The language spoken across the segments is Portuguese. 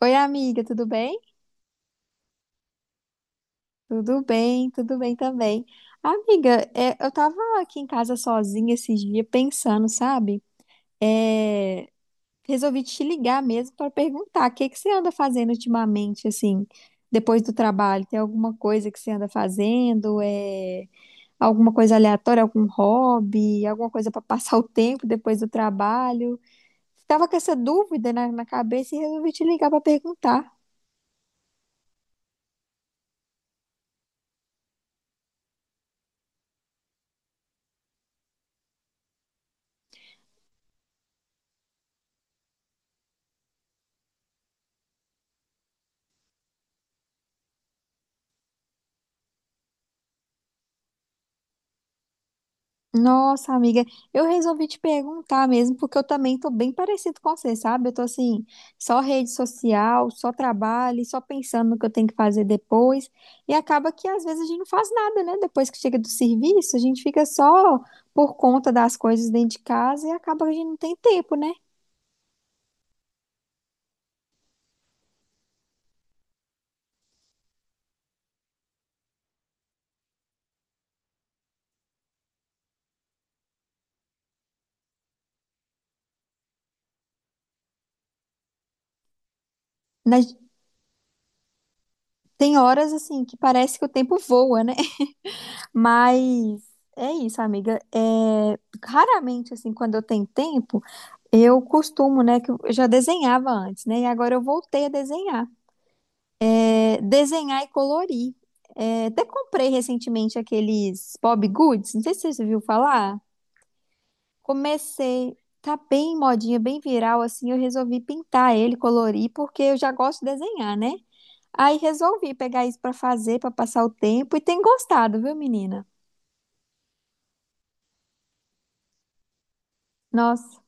Oi, amiga, tudo bem? Tudo bem, tudo bem também. Amiga, eu tava aqui em casa sozinha esses dias pensando, sabe? É, resolvi te ligar mesmo para perguntar o que que você anda fazendo ultimamente, assim, depois do trabalho. Tem alguma coisa que você anda fazendo? Alguma coisa aleatória, algum hobby, alguma coisa para passar o tempo depois do trabalho? Tava com essa dúvida na cabeça e resolvi te ligar para perguntar. Nossa, amiga, eu resolvi te perguntar mesmo, porque eu também tô bem parecido com você, sabe? Eu tô assim, só rede social, só trabalho, só pensando no que eu tenho que fazer depois, e acaba que às vezes a gente não faz nada, né? Depois que chega do serviço, a gente fica só por conta das coisas dentro de casa e acaba que a gente não tem tempo, né? Nas- Tem horas assim que parece que o tempo voa, né? Mas é isso, amiga. Raramente, assim, quando eu tenho tempo. Eu costumo, né, que eu já desenhava antes, né, e agora eu voltei a desenhar. Desenhar e colorir. Até comprei recentemente aqueles Bob Goods, não sei se você viu falar. Comecei, tá bem modinha, bem viral, assim, eu resolvi pintar ele, colorir, porque eu já gosto de desenhar, né? Aí resolvi pegar isso pra fazer, pra passar o tempo, e tem gostado, viu, menina? Nossa.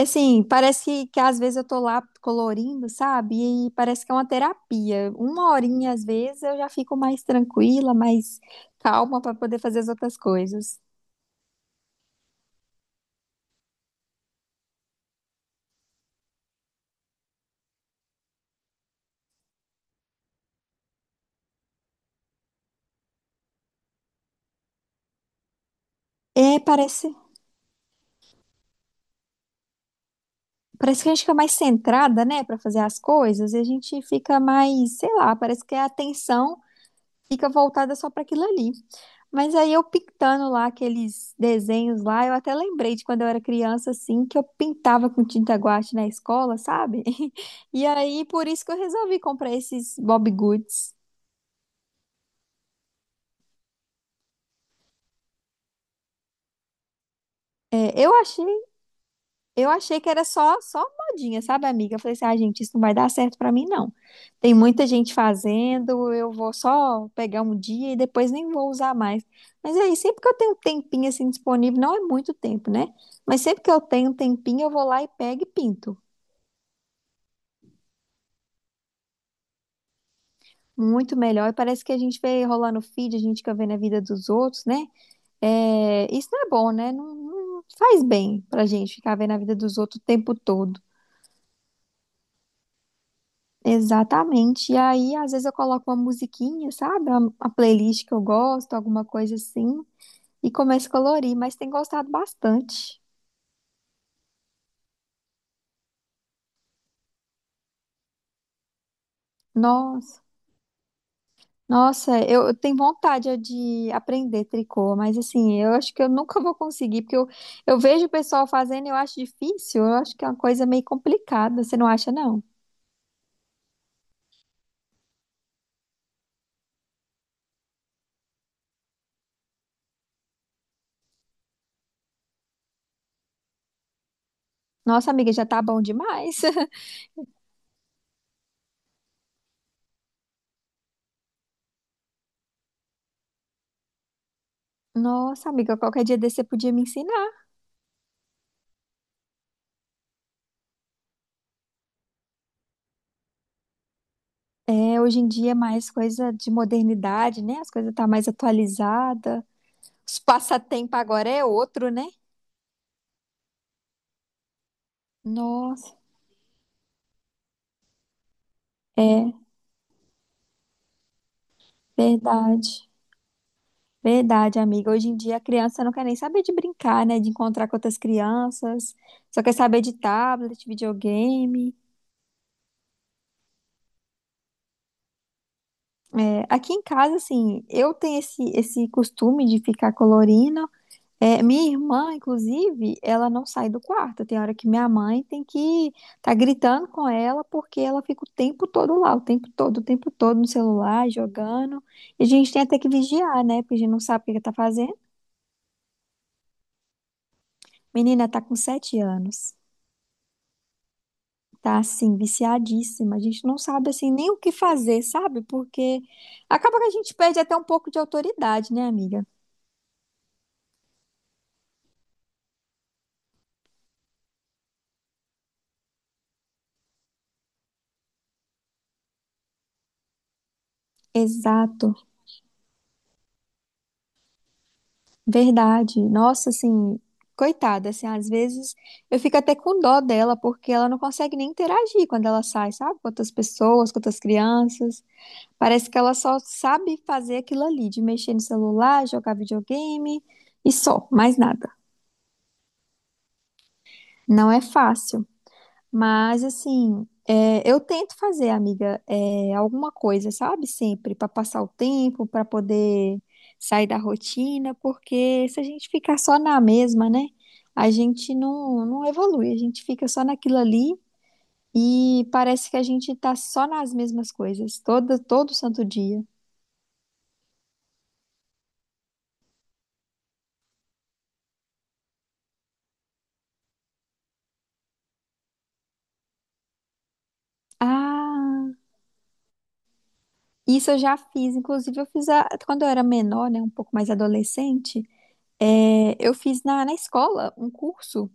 Assim, parece que às vezes eu tô lá colorindo, sabe? E parece que é uma terapia. Uma horinha, às vezes, eu já fico mais tranquila, mais calma para poder fazer as outras coisas. É, parece que a gente fica mais centrada, né, para fazer as coisas, e a gente fica mais, sei lá, parece que a atenção fica voltada só para aquilo ali. Mas aí eu pintando lá aqueles desenhos lá, eu até lembrei de quando eu era criança, assim, que eu pintava com tinta guache na escola, sabe? E aí, por isso que eu resolvi comprar esses Bob Goods. É, eu achei, eu achei que era só modinha, sabe, amiga? Eu falei assim, ah, gente, isso não vai dar certo pra mim, não. Tem muita gente fazendo, eu vou só pegar um dia e depois nem vou usar mais. Mas aí, sempre que eu tenho um tempinho assim disponível, não é muito tempo, né? Mas sempre que eu tenho um tempinho, eu vou lá e pego e pinto. Muito melhor. E parece que a gente vê rolar no feed, a gente fica vendo a vida dos outros, né? É, isso não é bom, né? Não, não faz bem pra gente ficar vendo a vida dos outros o tempo todo. Exatamente. E aí, às vezes, eu coloco uma musiquinha, sabe? Uma playlist que eu gosto, alguma coisa assim, e começo a colorir, mas tem gostado bastante. Nossa. Nossa, eu tenho vontade é de aprender tricô, mas assim, eu acho que eu nunca vou conseguir, porque eu vejo o pessoal fazendo e eu acho difícil, eu acho que é uma coisa meio complicada, você não acha, não? Nossa, amiga, já tá bom demais. Nossa, amiga, qualquer dia desse você podia me ensinar. Hoje em dia é mais coisa de modernidade, né? As coisas tá mais atualizada. Os passatempo agora é outro, né? Nossa, é verdade. Verdade, amiga. Hoje em dia a criança não quer nem saber de brincar, né? De encontrar com outras crianças, só quer saber de tablet, videogame. Aqui em casa, assim, eu tenho esse costume de ficar colorindo. Minha irmã, inclusive, ela não sai do quarto. Tem hora que minha mãe tem que tá gritando com ela porque ela fica o tempo todo lá, o tempo todo no celular, jogando. E a gente tem até que vigiar, né? Porque a gente não sabe o que que tá fazendo. Menina tá com 7 anos. Tá assim, viciadíssima. A gente não sabe assim nem o que fazer, sabe? Porque acaba que a gente perde até um pouco de autoridade, né, amiga? Exato, verdade. Nossa, assim, coitada, assim, às vezes eu fico até com dó dela, porque ela não consegue nem interagir quando ela sai, sabe? Com outras pessoas, com outras crianças. Parece que ela só sabe fazer aquilo ali, de mexer no celular, jogar videogame e só, mais nada. Não é fácil. Mas assim, eu tento fazer, amiga, alguma coisa, sabe? Sempre para passar o tempo, para poder sair da rotina, porque se a gente ficar só na mesma, né? A gente não, não evolui, a gente fica só naquilo ali e parece que a gente tá só nas mesmas coisas, todo, todo santo dia. Ah, isso eu já fiz, inclusive eu fiz quando eu era menor, né? Um pouco mais adolescente, eu fiz na escola um curso.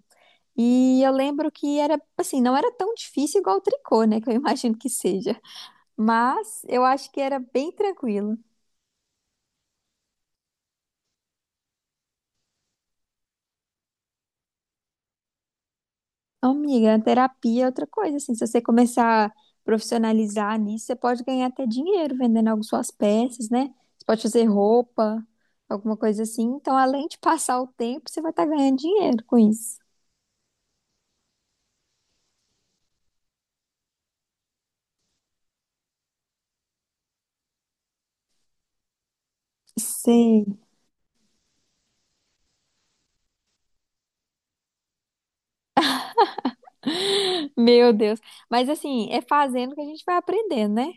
E eu lembro que era, assim, não era tão difícil igual o tricô, né? Que eu imagino que seja. Mas eu acho que era bem tranquilo. Amiga, terapia é outra coisa, assim. Se você começar a profissionalizar nisso, você pode ganhar até dinheiro vendendo algumas suas peças, né? Você pode fazer roupa, alguma coisa assim. Então, além de passar o tempo, você vai estar ganhando dinheiro com isso. Sei. Meu Deus. Mas, assim, é fazendo que a gente vai aprendendo, né?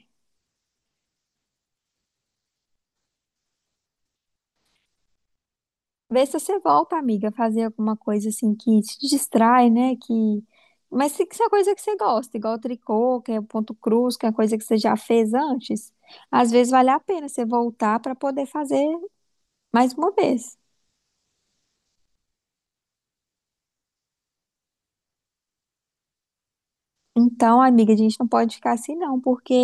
Vê se você volta, amiga, a fazer alguma coisa assim que te distrai, né? Que... Mas se é coisa que você gosta, igual tricô, que é o ponto cruz, que é coisa que você já fez antes, às vezes vale a pena você voltar para poder fazer mais uma vez. Então, amiga, a gente não pode ficar assim, não, porque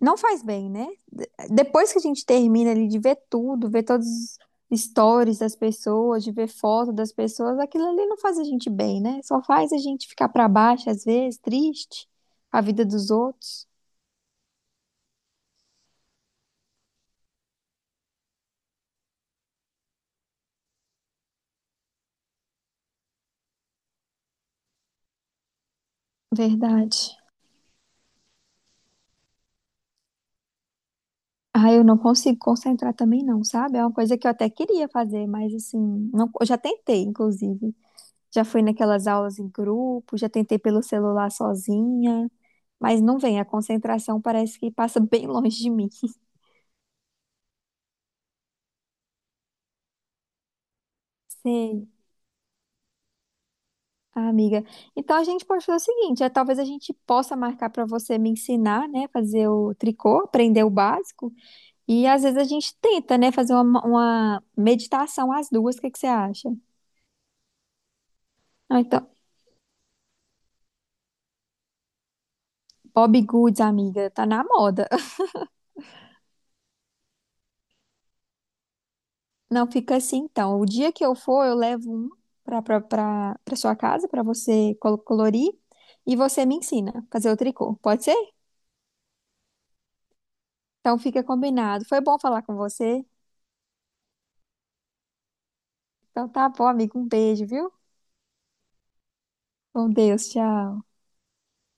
não faz bem, né? Depois que a gente termina ali de ver tudo, ver todos os stories das pessoas, de ver foto das pessoas, aquilo ali não faz a gente bem, né? Só faz a gente ficar pra baixo às vezes, triste, a vida dos outros. Verdade. Ah, eu não consigo concentrar também não, sabe? É uma coisa que eu até queria fazer, mas assim, não, eu já tentei, inclusive. Já fui naquelas aulas em grupo, já tentei pelo celular sozinha, mas não vem, a concentração parece que passa bem longe de mim. Sei. Ah, amiga. Então a gente pode fazer o seguinte, talvez a gente possa marcar para você me ensinar, né, fazer o tricô, aprender o básico, e às vezes a gente tenta, né, fazer uma meditação às duas, o que que você acha? Ah, então, Bob Goods, amiga, tá na moda. Não fica assim, então. O dia que eu for, eu levo um para sua casa para você colorir e você me ensina a fazer o tricô. Pode ser? Então fica combinado. Foi bom falar com você. Então tá bom, amigo, um beijo, viu? Com Deus, tchau.